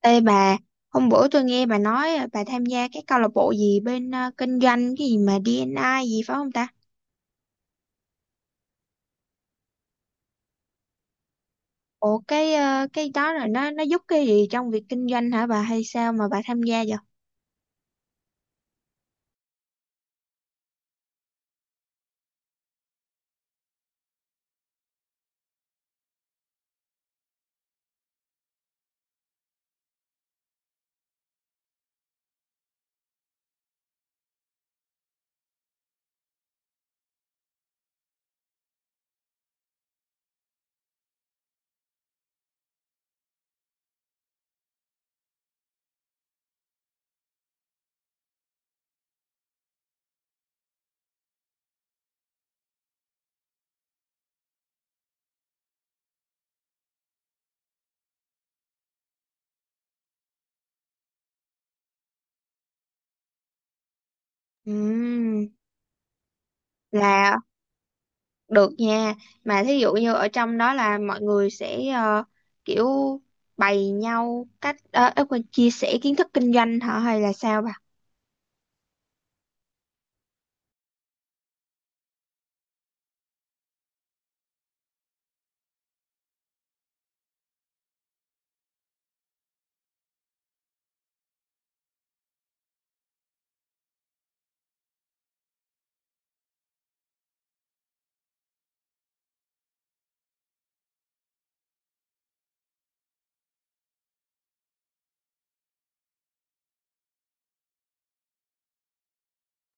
Ê bà, hôm bữa tôi nghe bà nói bà tham gia cái câu lạc bộ gì bên kinh doanh cái gì mà DNI gì phải không ta? Ủa cái đó là nó giúp cái gì trong việc kinh doanh hả bà hay sao mà bà tham gia vậy? Ừm, là được nha. Mà thí dụ như ở trong đó là mọi người sẽ kiểu bày nhau cách quên chia sẻ kiến thức kinh doanh hả hay là sao bà?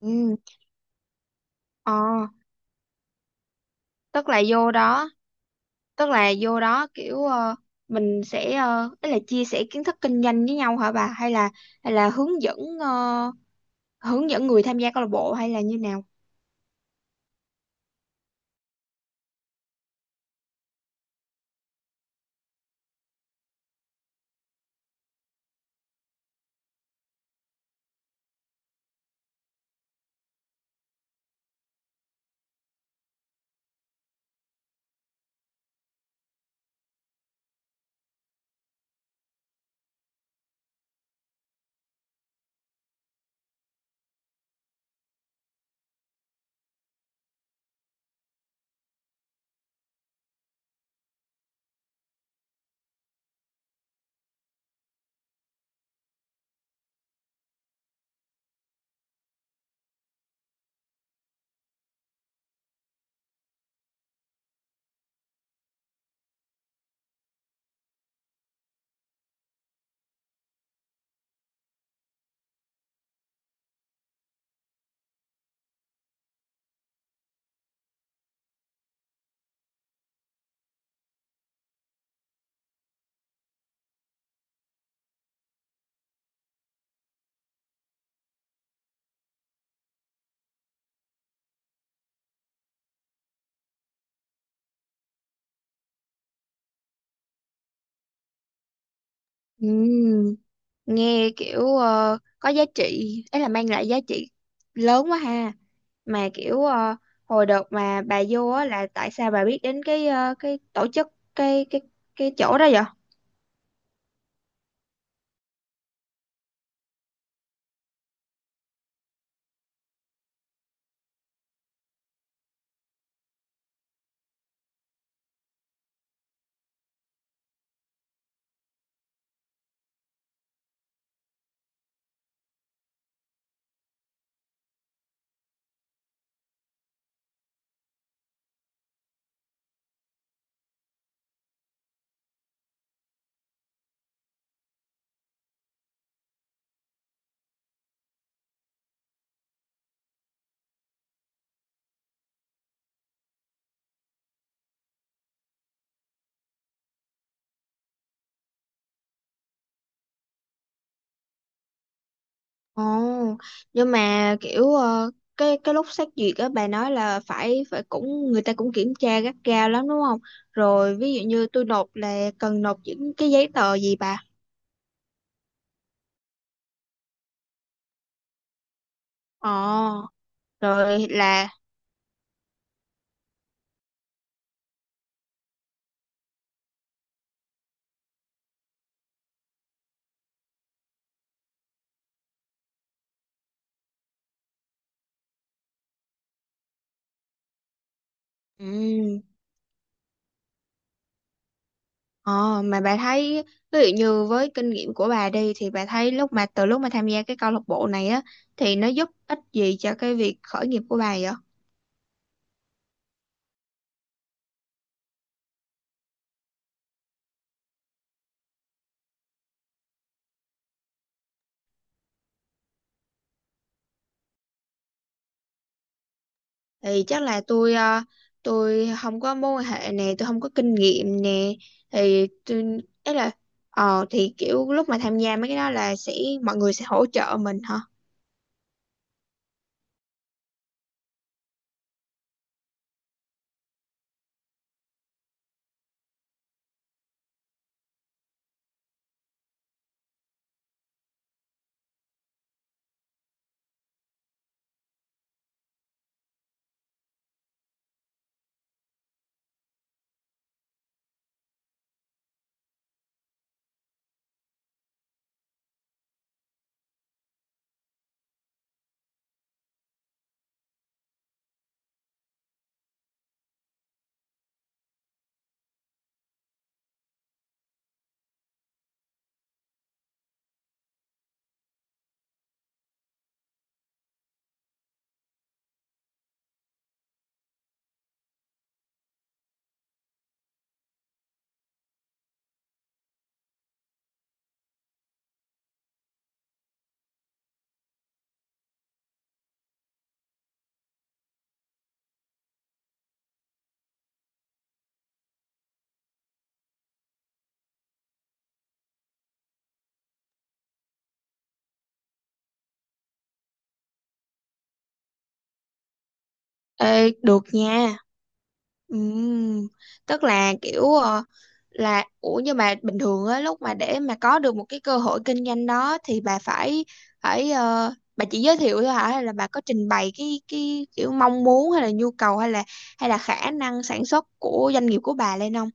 Ừ, ờ, tức là vô đó, kiểu ờ, mình sẽ ý là chia sẻ kiến thức kinh doanh với nhau hả bà, hay là hướng dẫn hướng dẫn người tham gia câu lạc bộ hay là như nào? Ừm, nghe kiểu có giá trị, ấy là mang lại giá trị lớn quá ha. Mà kiểu ờ, hồi đợt mà bà vô á là tại sao bà biết đến cái cái tổ chức cái cái cái chỗ đó vậy? Ồ, nhưng mà kiểu ờ, cái lúc xét duyệt á bà nói là phải phải cũng người ta cũng kiểm tra gắt gao lắm đúng không? Rồi ví dụ như tôi nộp là cần nộp những cái giấy tờ gì bà? Ồ, rồi là ừ. Ồ, mà bà thấy ví dụ như với kinh nghiệm của bà đi thì bà thấy lúc mà từ lúc mà tham gia cái câu lạc bộ này á thì nó giúp ích gì cho cái việc khởi nghiệp của bà vậy? Thì chắc là tôi ờ, tôi không có mối quan hệ nè, tôi không có kinh nghiệm nè, thì tôi ấy là ờ thì kiểu lúc mà tham gia mấy cái đó là sẽ mọi người sẽ hỗ trợ mình hả? Ê, được nha. Ừm, tức là kiểu ờ, là ủa nhưng mà bình thường á lúc mà để mà có được một cái cơ hội kinh doanh đó thì bà phải phải ờ, bà chỉ giới thiệu thôi hả, hay là bà có trình bày cái kiểu mong muốn hay là nhu cầu, hay là khả năng sản xuất của doanh nghiệp của bà lên không?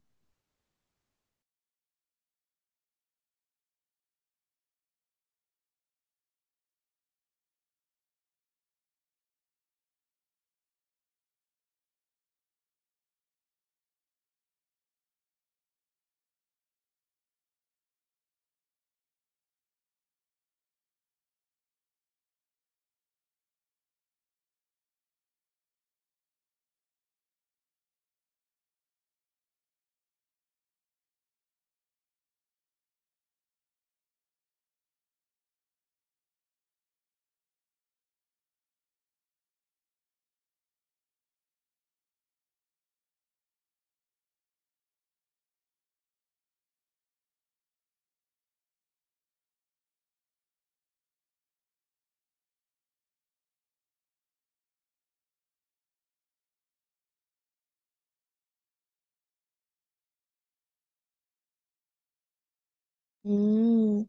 Ừm,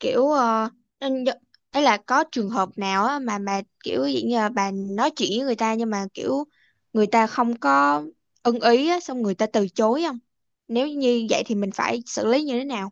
kiểu ờ, nên đ- ấy là có trường hợp nào á mà kiểu dạng như là bà nói chuyện với người ta nhưng mà kiểu người ta không có ưng ý á xong người ta từ chối không? Nếu như vậy thì mình phải xử lý như thế nào?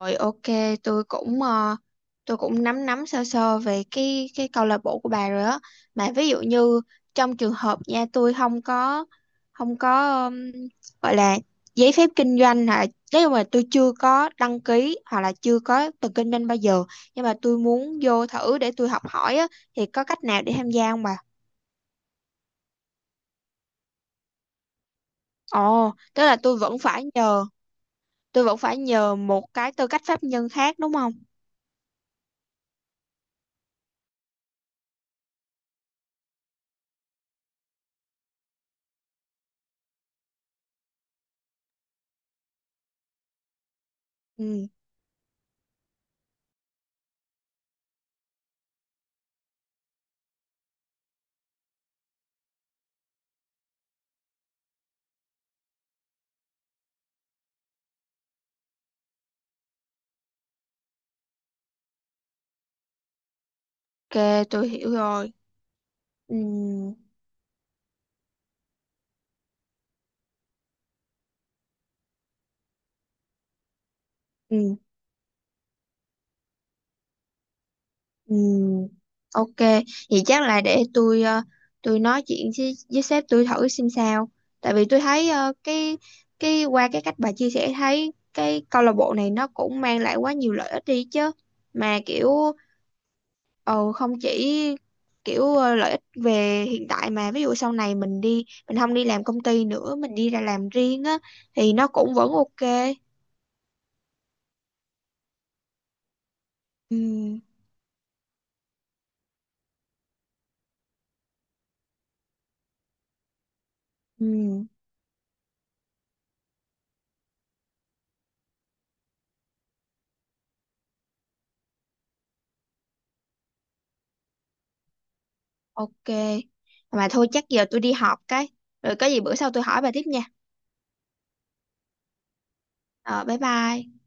Rồi ok, tôi cũng ờ, tôi cũng nắm nắm sơ sơ về cái câu lạc bộ của bà rồi á. Mà ví dụ như trong trường hợp nha, tôi không có không có ừm, gọi là giấy phép kinh doanh hả? Nếu mà tôi chưa có đăng ký hoặc là chưa có từng kinh doanh bao giờ, nhưng mà tôi muốn vô thử để tôi học hỏi á thì có cách nào để tham gia không bà? Ồ, tức là tôi vẫn phải nhờ, tôi vẫn phải nhờ một cái tư cách pháp nhân khác đúng không? Ừ, ok, tôi hiểu rồi. Ừ. Ừ. Ừ, ok, vậy chắc là để tôi ờ, tôi nói chuyện với sếp tôi thử xem sao. Tại vì tôi thấy ờ, cái qua cái cách bà chia sẻ thấy cái câu lạc bộ này nó cũng mang lại quá nhiều lợi ích đi chứ. Mà kiểu ờ, không chỉ kiểu ờ, lợi ích về hiện tại mà ví dụ sau này mình đi, mình không đi làm công ty nữa, mình đi ra làm riêng á thì nó cũng vẫn ok. Ừ, ừ. Ok. Mà thôi chắc giờ tôi đi họp cái. Rồi có gì bữa sau tôi hỏi bà tiếp nha. Ờ, bye bye.